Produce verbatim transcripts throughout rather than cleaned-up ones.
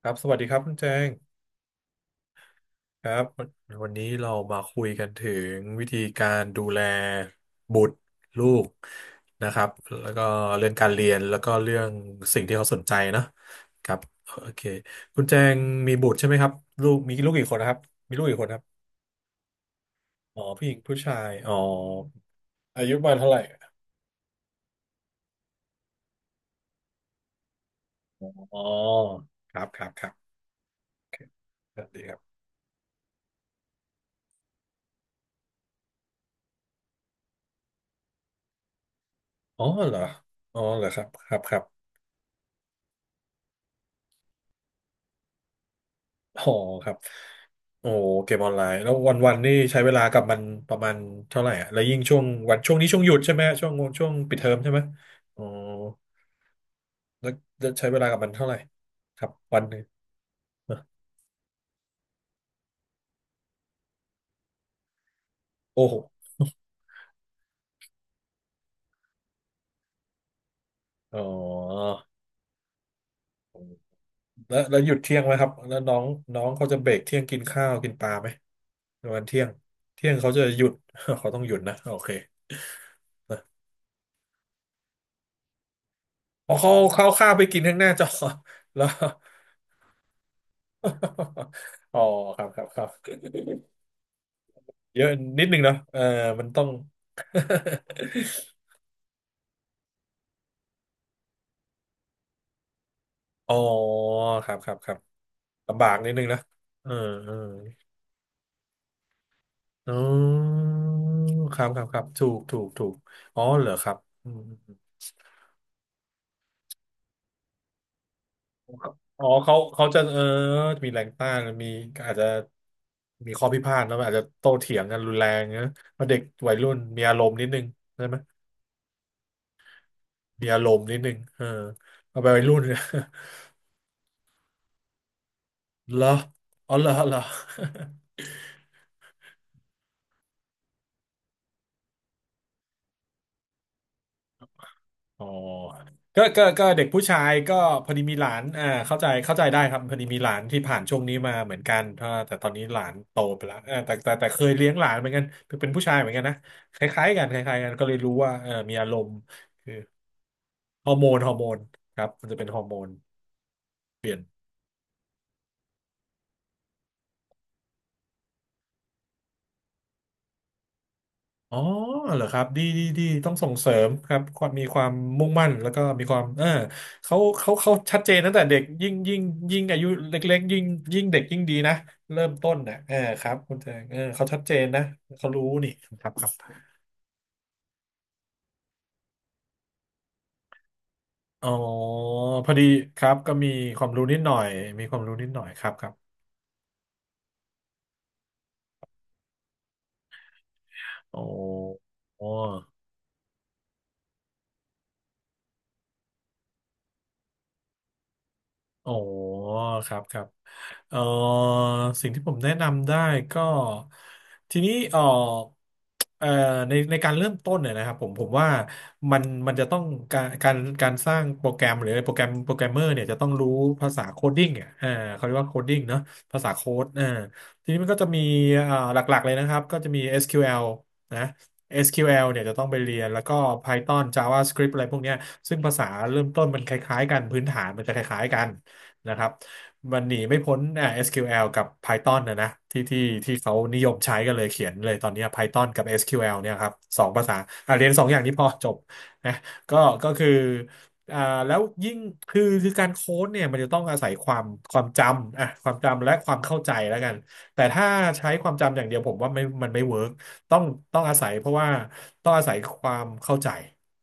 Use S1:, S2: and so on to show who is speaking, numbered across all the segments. S1: ครับสวัสดีครับคุณแจงครับวันวันนี้เรามาคุยกันถึงวิธีการดูแลบุตรลูกนะครับแล้วก็เรื่องการเรียนแล้วก็เรื่องสิ่งที่เขาสนใจนะครับโอเคคุณแจงมีบุตรใช่ไหมครับลูกมีลูกกี่คนนะครับมีลูกกี่คนครับอ๋อผู้หญิงผู้ชายอ๋ออายุประมาณเท่าไหร่อ๋อครับครับครับโอเคสวัสดีครับอ๋อเหรออ๋อเหรอครับครับครับ อ๋อครับโอ้เกมออนไลน์แล้ววันวันนี่ใช้เวลากับมันประมาณเท่าไหร่อะแล้วยิ่งช่วงวันช่วงนี้ช่วงหยุดใช่ไหมช่วงช่วงปิดเทอมใช่ไหมอ๋อแล้วแล้วใช้เวลากับมันเท่าไหร่ครับวันหนึ่งเนอะโอ้โหอ๋อแล้วแล้วหยุดเที่ยงไหมครับแล้วน้องน้องเขาจะเบรกเที่ยงกินข้าวกินปลาไหมในวันเที่ยงเที่ยงเขาจะหยุด เขาต้องหยุดนะโอเคนะอ๋อเขาเขาข้าวไปกินข้างหน้าจอ แล้ว อ๋อครับครับครับ เยอะนิดนึงเนาะเออมันต้อง อ๋อครับครับครับลำบากนิดนึงนะเออเอออ๋อครับครับครับถูกถูกถูกอ๋อเหรอครับอืมอ๋อเขาเขาจะเออมีแรงต้านมีอาจจะมีข้อพิพาทแล้วอาจจะโต้เถียงกันรุนแรงนะเพราะเด็กวัยรุ่นมีอารมณ์นิดนึงใช่ไหมมีอารมณ์นิดนึงเออเอาไปวัยรุ่น เนี่ยเหรออ๋อเหรอเหรอ อ๋อก็ก็ก็เด็กผู้ชายก็พอดีมีหลานอ่าเข้าใจเข้าใจได้ครับพอดีมีหลานที่ผ่านช่วงนี้มาเหมือนกันถ้าแต่ตอนนี้หลานโตไปแล้วเออแต่แต่แต่เคยเลี้ยงหลานเหมือนกันเป็นผู้ชายเหมือนกันนะคล้ายๆกันคล้ายๆกัน ก็เลยรู้ว่าเออมีอารมณ์คือฮอร์โมนฮอร์โมนครับมันจะเป็นฮอร์โมน อ๋อเหรอครับดีดีดีต้องส่งเสริมครับความมีความมุ่งมั่นแล้วก็มีความเออเขาเขาเขาชัดเจนตั้งแต่เด็กยิ่งยิ่งยิ่งอายุเล็กๆยิ่งยิ่งเด็กยิ่งดีนะเริ่มต้นนะเออครับคุณแจงเออเขาชัดเจนนะเขารู้นี่ครับครับอ๋อพอดีครับก็มีความรู้นิดหน่อยมีความรู้นิดหน่อยครับครับโอ้โอ้โอ้ครับครับ เอ่อสิ่งที่ผมแนะนำได้ก็ทีนี้เอ่อเอ่อในในการเริ่มต้นเนี่ยนะครับผมผมว่ามันมันจะต้องการการการสร้างโปรแกรมหรือโปรแกรมโปรแกรมเมอร์เนี่ยจะต้องรู้ภาษาโคดดิ้งอ่ะเออเขาเรียกว่าโคดดิ้งเนาะภาษาโค้ดเออทีนี้มันก็จะมีเอ่อหลักๆเลยนะครับก็จะมี เอส คิว แอล นะ เอส คิว แอล เนี่ยจะต้องไปเรียนแล้วก็ Python จาวาสคริปต์ อะไรพวกเนี้ยซึ่งภาษาเริ่มต้นมันคล้ายๆกันพื้นฐานมันจะคล้ายๆกันนะครับ มันหนีไม่พ้นอ่า เอส คิว แอล กับ Python นะนะที่ที่ที่เขานิยมใช้กันเลยเขียนเลยตอนนี้ Python กับ เอส คิว แอล เนี่ยครับสองภาษาอ่ะเรียนสองอย่างนี้พอจบนะก็ก็คืออ่าแล้วยิ่งคือคือการโค้ดเนี่ยมันจะต้องอาศัยความความจำอ่ะความจำและความเข้าใจแล้วกันแต่ถ้าใช้ความจำอย่างเดียวผมว่าไม่มันไม่เวิร์กต้องต้องอาศัยเพราะว่าต้องอาศัยความเข้าใจ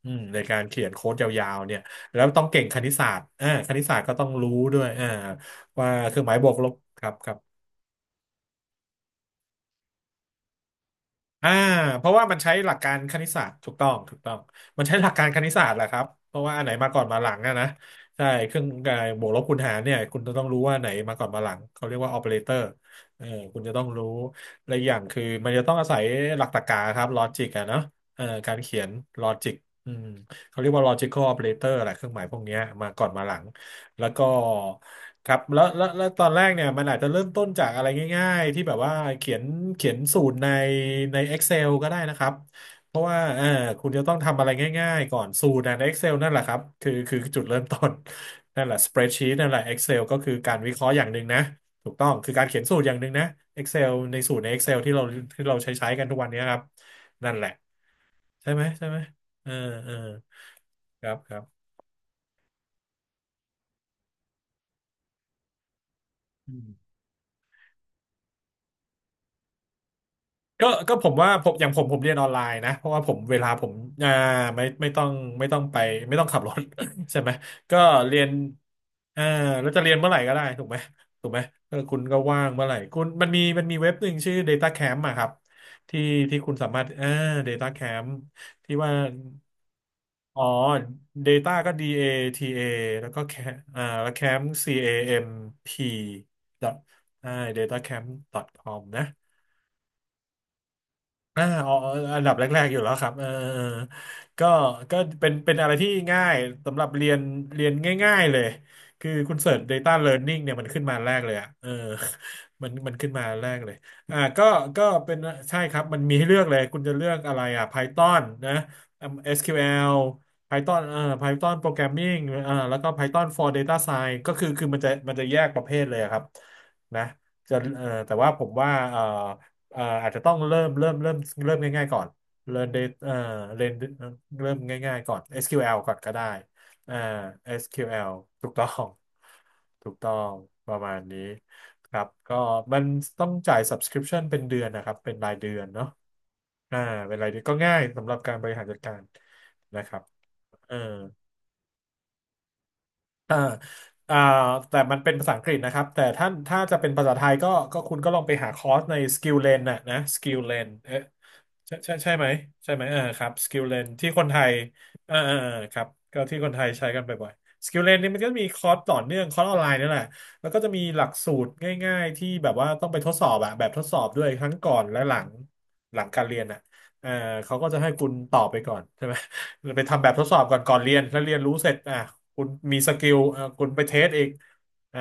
S1: อืมในการเขียนโค้ดยาวๆเนี่ยแล้วต้องเก่งคณิตศาสตร์อ่าคณิตศาสตร์ก็ต้องรู้ด้วยอ่า ว่าเครื่องหมายบวกลบครับครับอ่าเพราะว่ามันใช้หลักการคณิตศาสตร์ถูกต้องถูกต้องมันใช้หลักการคณิตศาสตร์แหละครับเพราะว่าอันไหนมาก่อนมาหลังอะนะใช่เครื่องเอ่อบวกลบคูณหารเนี่ยคุณจะต้องรู้ว่าไหนมาก่อนมาหลังเขาเรียกว่าออ พี อี อาร์ เอ ที โอ อาร์ เออคุณจะต้องรู้และอกอย่างคือมันจะต้องอาศัยหลักตรรกะครับลอจิกอะเนาะเออการเขียนลอจิกอืมเขาเรียกว่า ลอจิคัล ออเปอเรเตอร์ แหละเครื่องหมายพวกเนี้ยมาก่อนมาหลัง แล้วก็ครับแล้วแล้วแล้วตอนแรกเนี่ยมันอาจจะเริ่มต้นจากอะไรง่ายๆที่แบบว่าเขียนเขียนสูตรในใน Excel ก็ได้นะครับเพราะว่าเออคุณจะต้องทำอะไรง่ายๆก่อนสูตรใน Excel นั่นแหละครับคือคือจุดเริ่มต้น นั่นแหละ สเปรดชีต นั่นแหละ เอ็กเซล ก็คือการวิเคราะห์อย่างหนึ่งนะถูกต้องคือการเขียนสูตรอย่างหนึ่งนะ Excel ในสูตรใน Excel ที่เราที่เราใช้ใช้กันทุกวันนี้ครับนั่นแหละใช่ไหมใช่ไหมเออเออครับครับ ก็ก็ผมว่าผมอย่างผมผมเรียนออนไลน์นะเพราะว่าผมเวลาผมอ่าไม่ไม่ต้องไม่ต้องไปไม่ต้องขับรถ ใช่ไหมก็เรียนอ่าแล้วจะเรียนเมื่อไหร่ก็ได้ถูกไหมถูกไหมเออคุณก็ว่างเมื่อไหร่คุณมันมีมันมีเว็บหนึ่งชื่อ Data Camp อะครับที่ที่คุณสามารถอ่า Data Camp ที่ว่าอ๋อ Data ก็ D A T A แล้วก็แคอ่าแล้ว Camp C A M P ดอทอ่า ดาต้าแคมป์ดอทคอม นะ อ่าอ๋ออันดับแรกๆอยู่แล้วครับเออเออก็ก็เป็นเป็นอะไรที่ง่ายสำหรับเรียนเรียนง่ายๆเลยคือคุณเสิร์ช Data Learning เนี่ยมันขึ้นมาแรกเลยอ่ะเออ มันมันขึ้นมาแรกเลยอ่าก็ก็เป็นใช่ครับมันมีให้เลือกเลยคุณจะเลือกอะไรอ่ะ Python นะ เอส คิว แอล Python เอ่อ Python Programming เอ่อแล้วก็ Python for Data Science ก็คือคือมันจะมันจะแยกประเภทเลยอะครับนะจะเอ่อแต่ว่าผมว่า เอ่ออาจจะต้องเริ่มเริ่มเริ่มเริ่มง่ายๆก่อน learn data เอ่อ learn เริ่มง่ายๆก่อน เอส คิว แอล ก่อนก็ได้อ่า เอส คิว แอล ถูกต้อง ถูกต้องประมาณนี้ครับก็มันต้องจ่าย subscription เป็นเดือนนะครับเป็นรายเดือนเนาะอ่าเป็นรายเดือนก็ง่ายสำหรับการบริหารจัดการนะครับเออ อ่าอ่าแต่มันเป็นภาษาอังกฤษนะครับ แต่ถ้าถ้าจะเป็นภาษาไทยก็ก็คุณก็ลองไปหาคอร์สใน Skill Lane น่ะนะ Skill Lane เอ๊ะใช่ใช่ใช่ไหมใช่ไหมเออครับ Skill Lane ที่คนไทยเออเออเออครับก็ที่คนไทยใช้กันบ่อยๆ Skill Lane นี่มันก็มีคอร์สต่อเนื่องคอร์สออนไลน์นี่แหละแล้วก็จะมีหลักสูตรง่ายๆที่แบบว่าต้องไปทดสอบอะแบบทดสอบด้วยทั้งก่อนและหลังหลังการเรียนอะเออเขาก็จะให้คุณตอบไปก่อนใช่ไหม ไปทำแบบทดสอบก่อนก่อนเรียนแล้วเรียนรู้เสร็จอ่ะคุณมีสกิลอ่ะคุณไปเทสอีกอ่า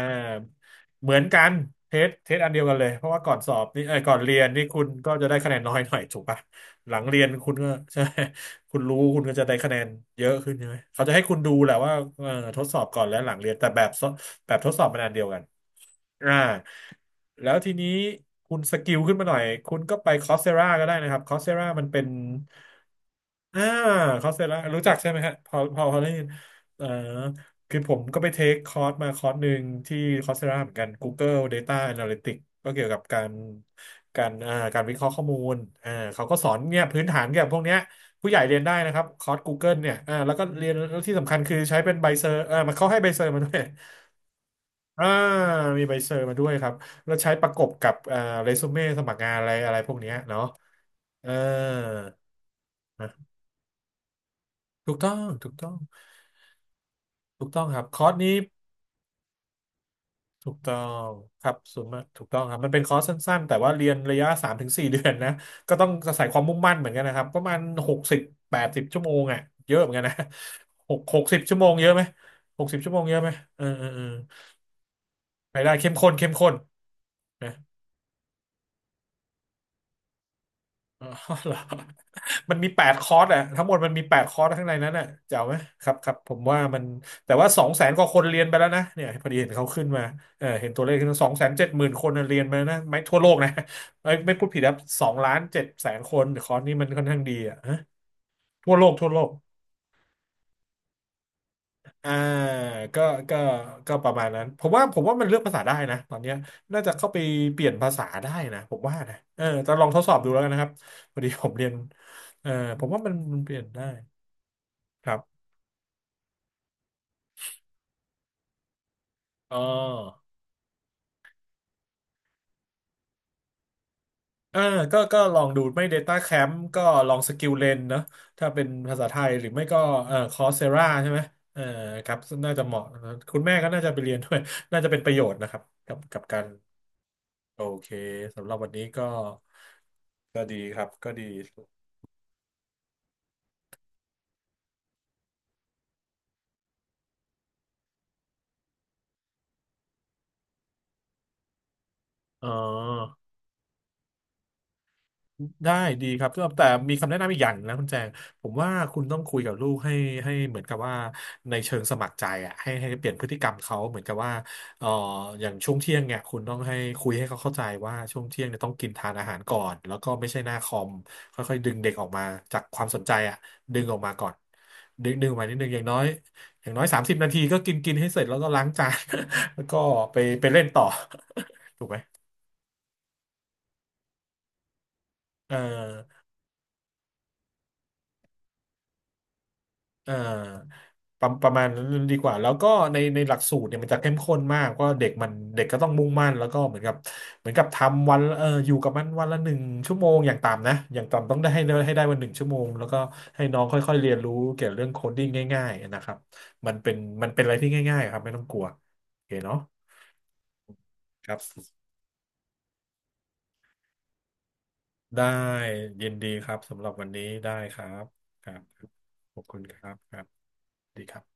S1: เหมือนกันเทสเทสอันเดียวกันเลยเพราะว่าก่อนสอบนี่เออก่อนเรียนนี่คุณก็จะได้คะแนนน้อยหน่อยถูกปะหลังเรียนคุณก็ ใช่คุณรู้คุณก็จะได้คะแนนเยอะขึ้นใช่ไหมเขาจะให้คุณดูแหละว่าเออทดสอบก่อนและหลังเรียนแต่แบบ แบบทดสอบมันอันเดียวกันอ่าแล้วทีนี้คุณสกิลขึ้นมาหน่อย คุณก็ไปคอ s เซราก็ได้นะครับคอ s เซรามันเป็นอ่าคอร์สเซล่ารู้จักใช่ไหมฮะพอพอพอได้ยินเอ่อคือผมก็ไปเทคคอร์สมาคอร์สหนึ่งที่คอร์สเซล่าเหมือนกัน Google Data Analytics ก็เกี่ยวกับการการอ่าการวิเคราะห์ข้อมูลอ่าเขาก็สอนเนี่ยพื้นฐานเกี่ยวกับพวกเนี้ยผู้ใหญ่เรียนได้นะครับคอร์ส Google เนี่ยอ่าแล้วก็เรียนแล้วที่สำคัญคือใช้เป็นใบเซอร์เออมันเขาให้ใบเซอร์มาด้วย อ่ามีใบเซอร์มาด้วยครับแล้วใช้ประกบกับเอ่อเรซูเม่สมัครงานอะไรอะไรพวกเนี้ยเนาะเออนะถูกต้องถูกต้องถูกต้องครับคอร์สนี้ถูกต้องครับส่วนมากถูกต้องครับมันเป็นคอร์สสั้นๆแต่ว่าเรียนระยะสามถึงสี่เดือนนะก็ต้องอาศัยความมุ่งมั่นเหมือนกันนะครับประมาณหกสิบแปดสิบชั่วโมงอ่ะเยอะเหมือนกันนะหกหกสิบชั่วโมงเยอะไหมหกสิบชั่วโมงเยอะไหมเออเออเออรายได้เข้มข้นเข้มข้นนะ อ๋อเหรอ มันมีแปดคอร์สอะทั้งหมดมันมีแปดคอร์สข้างในนั้นอะเจ๋งไหมครับครับผมว่ามันแต่ว่าสองแสนกว่าคนเรียนไปแล้วนะเนี่ยพอดีเห็นเขาขึ้นมาเออเห็นตัวเลขขึ้นสองแสนเจ็ดหมื่นคนเรียนมาแล้วนะไม่ทั่วโลกนะไม่ไม่พูดผิดครับสองล้านเจ็ดแสนคนคอร์สนี้มันค่อนข้างดีอะฮะทั่วโลกทั่วโลกอ่าก็ก็ก็ประมาณนั้นผมว่าผมว่ามันเลือกภาษาได้นะตอนเนี้ยน่าจะเข้าไปเปลี่ยนภาษาได้นะผมว่านะเออแต่ลองทดสอบดูแล้วกันนะครับพอดีผมเรียนเออผมว่ามันมันเปลี่ยนได้ครับ อ๋ออ่าก็ก็ลองดูไม่ Data Camp ก็ลองสกิลเลนเนอะถ้าเป็นภาษาไทยหรือไม่ก็เอ่อคอร์เซราใช่ไหมเอ่อครับน่าจะเหมาะนะคุณแม่ก็น่าจะไปเรียนด้วย น่าจะเป็นประโยชน์นะครับ กับกับการโอเค สำหรับวันนี้ก็ก็ดีครับก็ดีอ๋อ ได้ดีครับก็แต่มีคำแนะนำอีกอย่างนะคุณแจงผมว่าคุณต้องคุยกับลูกให้ให้เหมือนกับว่าในเชิงสมัครใจอ่ะให้ให้เปลี่ยนพฤติกรรมเขาเหมือนกับว่าเอ่ออย่างช่วงเที่ยงเนี่ยคุณต้องให้คุยให้เขาเข้าใจว่าช่วงเที่ยงเนี่ยต้องกินทานอาหารก่อนแล้วก็ไม่ใช่หน้าคอมค่อยๆดึงเด็กออกมาจากความสนใจอ่ะดึงออกมาก่อนดึงดึงออกมานิดนึงอย่างน้อยอย่างน้อยสามสิบนาทีก็กินกินให้เสร็จแล้วก็ล้างจาน แล้วก็ไปไปเล่นต่อ ถูกไหมเออ อ่าประประมาณนั้นดีกว่าแล้วก็ในในหลักสูตรเนี่ยมันจะเข้มข้นมากก็เด็กมันเด็กก็ต้องมุ่งมั่นแล้วก็เหมือนกับเหมือนกับทำวันเอออยู่กับมันวันละหนึ่งชั่วโมงอย่างต่ำนะอย่างต่ำต้องได้ให้ได้ให้ได้วันหนึ่งชั่วโมงแล้วก็ให้น้องค่อยๆเรียนรู้เกี่ยวกับเรื่องโคดดิ้งง่ายๆนะครับมันเป็นมันเป็นอะไรที่ง่ายๆครับไม่ต้องกลัวโอเคเนาะครับได้ยินดีครับสำหรับวันนี้ได้ครับครับขอบคุณครับครับดีครับ